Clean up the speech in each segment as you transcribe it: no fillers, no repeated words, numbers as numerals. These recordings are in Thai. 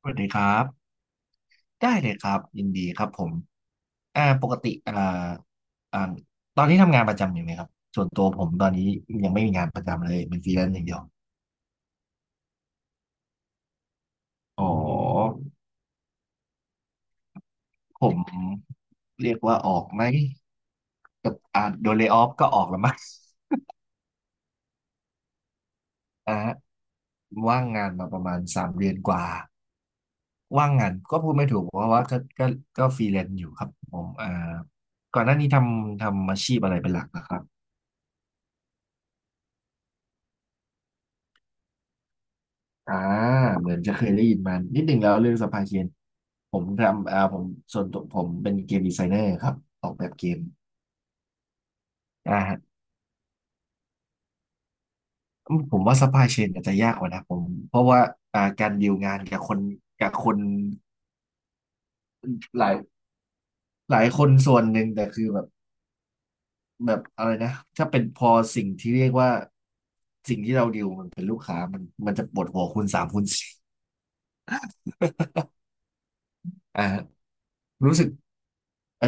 สวัสดีครับได้เลยครับยินดีครับผมปกติอ่าตอนนี้ทำงานประจำอยู่ไหมครับส่วนตัวผมตอนนี้ยังไม่มีงานประจำเลยเป็นฟรีแลนซ์อย่างเดียวอ๋อผมเรียกว่าออกไหมกับโดนเลย์ออฟก็ออกแล้วมั้ง อ่าฮะว่างงานมาประมาณสามเดือนกว่าว่างงานก็พูดไม่ถูกเพราะว่าก็ก็ฟรีแลนซ์อยู่ครับผมก่อนหน้านี้ทำอาชีพอะไรเป็นหลักนะครับ อ่าเหมือนจะเคยได้ยินมานิดหนึ่งแล้วเรื่องสปายเคียนผมทำผมส่วนตัวผมเป็นเกมดีไซเนอร์ครับออกแบบเกมอ่าฮะผมว่าสปายเชนอาจจะยากกว่านะผมเพราะว่าการดีลงานกับคนกับคนหลายหลายคนส่วนหนึ่งแต่คือแบบแบบอะไรนะถ้าเป็นพอสิ่งที่เรียกว่าสิ่งที่เราดีลมันเป็นลูกค้ามันจะปวดหัวคูณสามคูณสี่ อ่าฮะรู้สึก ไอ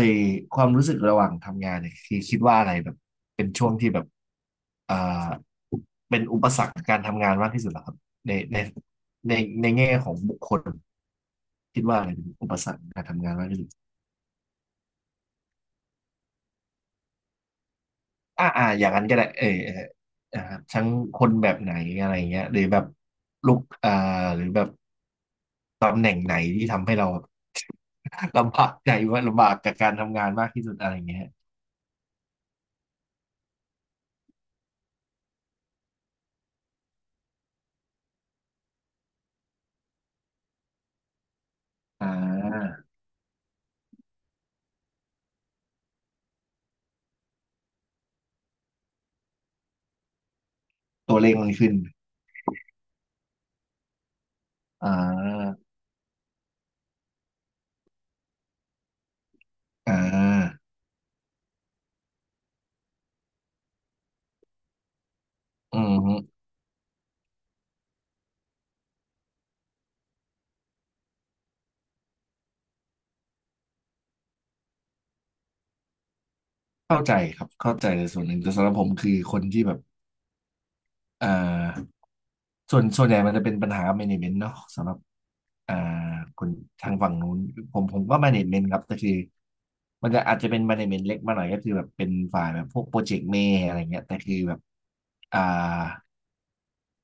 ความรู้สึกระหว่างทำงานเนี่ยคือคิดว่าอะไรแบบเป็นช่วงที่แบบอ่าเป็นอุปสรรคการทำงานมากที่สุดเหรอครับในในในแง่ของบุคคลคิดว่าอะไรเป็นอุปสรรคการทำงานมากที่สุดอย่างนั้นก็ได้เอออ่าทั้งคนแบบไหนอะไรเงี้ยหรือแบบลุกหรือแบบตำแหน่งไหนที่ทำให้เรา ลำบากใจว่าลำบากกับการทำงานมากที่สุดอะไรเงี้ยอ่าตัวเลขมันขึ้นอ่า อ่าอืมเข้าใจครับเข้าใจในส่วนหนึ่งแต่สำหรับผมคือคนที่แบบอ่าส่วนใหญ่มันจะเป็นปัญหา management เนาะสำหรับอ่าคนทางฝั่งนู้นผมก็ management ครับแต่คือมันจะอาจจะเป็น management เล็กมาหน่อยก็คือแบบเป็นฝ่ายแบบพวกโปรเจกต์เมย์อะไรเงี้ยแต่คือแบบอ่า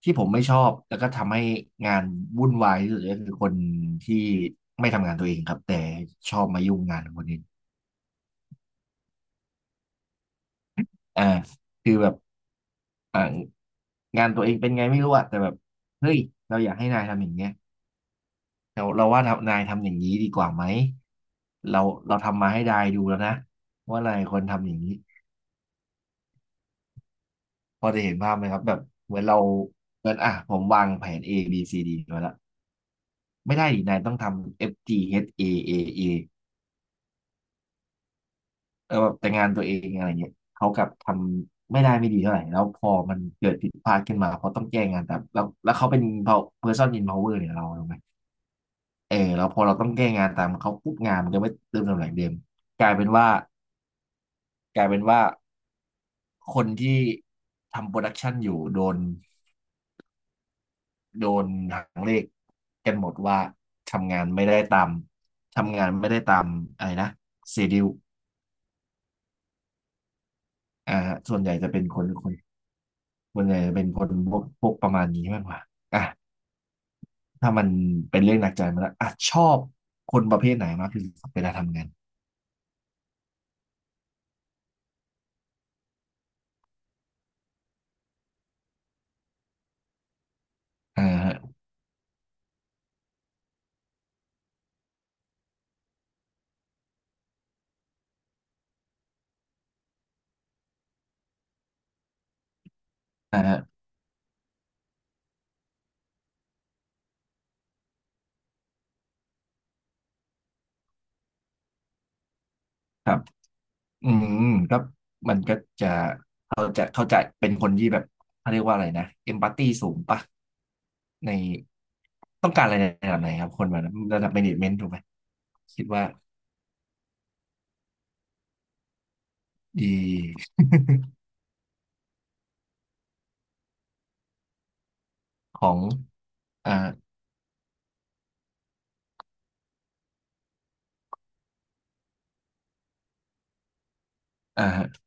ที่ผมไม่ชอบแล้วก็ทำให้งานวุ่นวายที่สุดก็คือคนที่ไม่ทำงานตัวเองครับแต่ชอบมายุ่งงานคนอื่นอ่าคือแบบ อ่างานตัวเองเป็นไงไม่รู้อะแต่แบบเฮ้ยเราอยากให้นายทำอย่างเงี้ยเราว่านายทำอย่างนี้ดีกว่าไหมเราเราทำมาให้นายดูแล้วนะว่านายควรทำอย่างนี้พอจะเห็นภาพไหมครับแบบเหมือนเราเหมือนอ่ะผมวางแผน A B C D ไว้แล้วไม่ได้ดินายต้องทำ F G H A A เออแบบแต่งานตัวเองอะไรเงี้ยเขากลับทำไม่ได้ไม่ดีเท่าไหร่แล้วพอมันเกิดผิดพลาดขึ้นมาเขาต้องแก้งานแต่แล้วเขาเป็น person in power เนี่ยเราถูกไหม เออแล้วพอเราต้องแก้งานตามเขาปุ๊บงานมันก็ไม่เติมตำแหน่งเดิมกลายเป็นว่ากลายเป็นว่าคนที่ทำโปรดักชันอยู่โดนโดนหางเลขกันหมดว่าทำงานไม่ได้ตามทำงานไม่ได้ตามอะไรนะเซดิวอ่าฮะส่วนใหญ่จะเป็นคนส่วนใหญ่จะเป็นคนพวกประมาณนี้มากกว่าอ่ะถ้ามันเป็นเรื่องหนักใจมาแล้วอ่ะชอบคนประเภทไหนมากที่สุดเวลาทำงานอ่าฮะอ่าฮะครับ อืมก็มันก็จะเขาจะเป็นคนที่แบบเขาเรียกว่าอะไรนะเอมพัตตีสูงปะในต้องการอะไรในระดับไหนครับคนแบบนั้นระดับ management ถูกไหมคิดว่าดี ของอ่าอ่า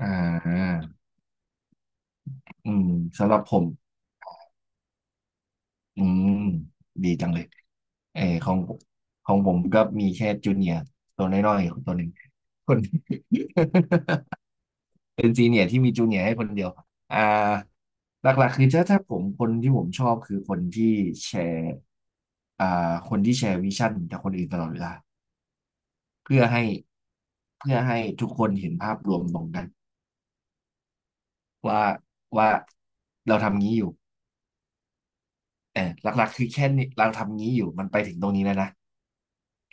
อ่าอืมสำหรับผมอืมดีจังเลยเออของผมก็มีแค่จูเนียร์ตัวน้อยๆตัวหนึ่งคน เป็นซีเนียร์ที่มีจูเนียร์ให้คนเดียวอ่าหลักๆคือถ้าผมคนที่ผมชอบคือคนที่แชร์อ่าคนที่แชร์วิชั่นกับคนอื่นตลอดเวลาเพื่อให้เพื่อให้ทุกคนเห็นภาพรวมตรงกันว่าว่าเราทำงี้อยู่เออหลักๆคือแค่นี้เราทำงี้อยู่มันไปถึงตรงนี้แล้วนะ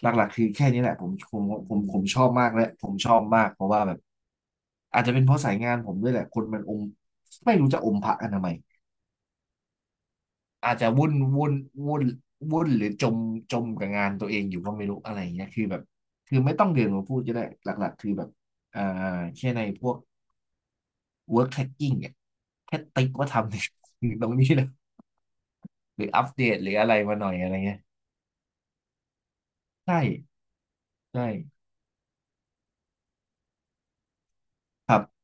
หลักๆคือแค่นี้แหละผมชอบมากและผมชอบมากเพราะว่าแบบอาจจะเป็นเพราะสายงานผมด้วยแหละคนมันอมไม่รู้จะอมพระกันทำไม อาจจะวุ่นวุ่นหรือจมกับงานตัวเองอยู่ก็ไม่รู้อะไรอย่างเงี้ยคือแบบคือไม่ต้องเดินมาพูดก็ได้หลักๆคือแบบอ่าแค่ในพวก work tracking เนี่ยแค่ติ๊กว่าทำใน ตรงนี้เลยหรืออัปเดตหรืออะไรมาหน่อยอะไรเงี้ยใช่ใช่ครับ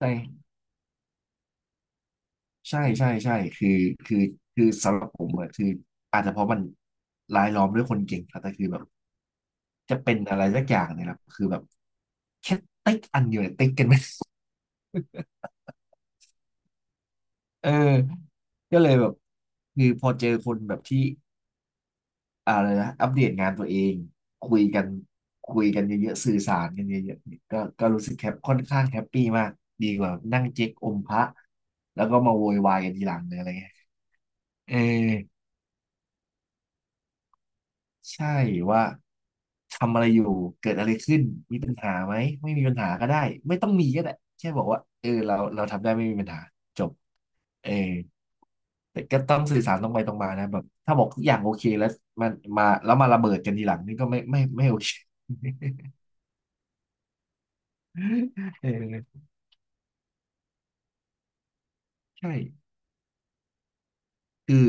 ใช่ใช่ใช่ใช่คือคือสำหรับผมอะคืออาจจะเพราะมันรายล้อมด้วยคนเก่งครับแต่คือแบบจะเป็นอะไรสักอย่างเนี่ยแหละคือแบบแค่ติ๊กอันเดียวเนี่ยติ๊กกันไหม เออก็เลยแบบคือพอเจอคนแบบที่อะไรนะอัปเดตงานตัวเองคุยกันคุยกันเยอะๆสื่อสารกันเยอะๆเนี่ยก็รู้สึกแฮปค่อนข้างแฮปปี้มากดีกว่านั่งเจ๊กอมพระแล้วก็มาโวยวายกันทีหลังเลยอะไรเงี้ยเออ ใช่ว่าทำอะไรอยู่เกิดอะไรขึ้นมีปัญหาไหมไม่มีปัญหาก็ได้ไม่ต้องมีก็ได้แค่บอกว่าเออเราทำได้ไม่มีปัญหาจบเออแต่ก็ต้องสื่อสารตรงไปตรงมานะแบบถ้าบอกทุกอย่างโอเคแล้วมันมาแล้วมาระเบิดกันทีหลังนี่ก็ไม่โอเค เออใช่คือ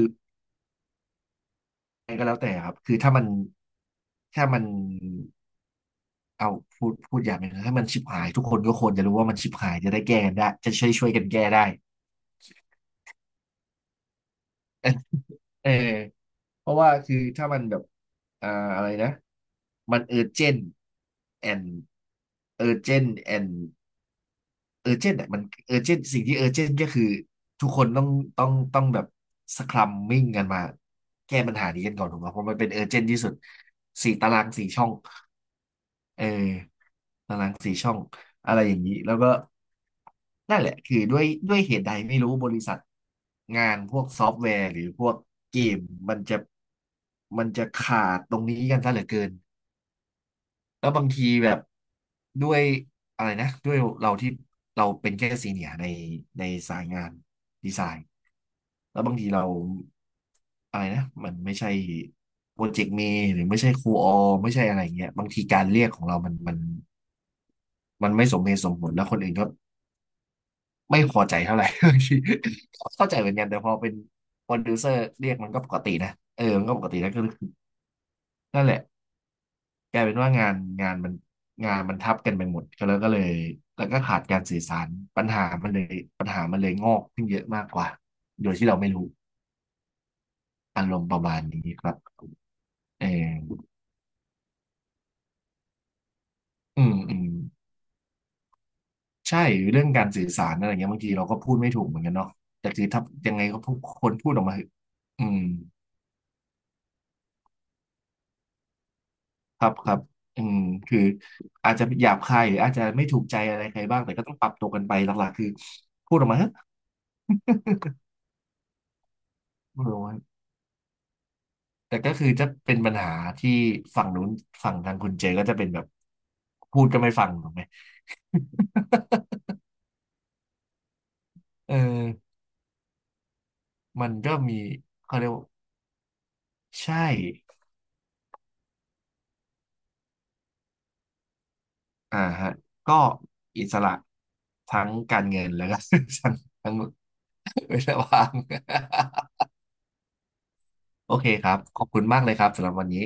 อะไรก็แล้วแต่ครับคือถ้ามันเอาพูดอย่างหนึงนะถ้ามันชิบหายทุกคนก็ควรจะรู้ว่ามันชิบหายจะได้แก้กันได้จะช่วยกันแก้ได้ เออเพราะว่าคือถ้ามันแบบ อ่าอะไรนะ มันเออร์เจนแอนเออร์เจนแอน เออร์เจนต์อ่ะมันเออร์เจนต์สิ่งที่เออร์เจนต์ก็คือทุกคนต้องแบบสครัมมิ่งกันมาแก้ปัญหานี้กันก่อนถูกไหมเพราะมันเป็นเออร์เจนต์ที่สุดสี่ตารางสี่ช่องเออตารางสี่ช่องอะไรอย่างนี้แล้วก็นั่นแหละคือด้วยเหตุใดไม่รู้บริษัทงานพวกซอฟต์แวร์หรือพวกเกมมันจะมันจะขาดตรงนี้กันซะเหลือเกิน แล้วบางทีแบบด้วยอะไรนะด้วยเราที่เราเป็นแค่ซีเนียร์ในสายงานดีไซน์แล้วบางทีเราอะไรนะมันไม่ใช่โปรเจกต์เมย์หรือไม่ใช่ครูออไม่ใช่อะไรเงี้ยบางทีการเรียกของเรามันไม่สมเหตุสมผลแล้วคนอื่นก็ไม่พอใจเท่าไหร่ บางทีเข้าใจเหมือนกันแต่พอเป็นโปรดิวเซอร์เรียกมันก็ปกตินะเออมันก็ปกตินะก็คือนั่นแหละ กลายเป็นว่างานมันงานมันทับกันไปหมดก็แล้วก็เลยแล้วก็ขาดการสื่อสารปัญหามันเลยปัญหามันเลยงอกขึ้นเยอะมากกว่าโดยที่เราไม่รู้อารมณ์ประมาณนี้ครับเอออืมใช่เรื่องการสื่อสารอะไรเงี้ยบางทีเราก็พูดไม่ถูกเหมือนกันเนาะแต่คือถ้ายังไงก็พูดคนพูดออกมาเถอะอืมครับอืมคืออาจจะหยาบคายหรืออาจจะไม่ถูกใจอะไรใครบ้างแต่ก็ต้องปรับตัวกันไปหลักๆคือพูดออกมาเถอะพูดออกมา แต่ก็คือจะเป็นปัญหาที่ฝั่งนู้นฝั่งทางคุณเจก็จะเป็นแบบพูดก็ไม่ฟังถูกไหมเออมันก็มีเขาเรียกว่าใช่อ่าฮะก็อิสระทั้งการเงินแล้วก็ ทั้งทั้งเวลาว่าง โอเคครับขอบคุณมากเลยครับสำหรับวันนี้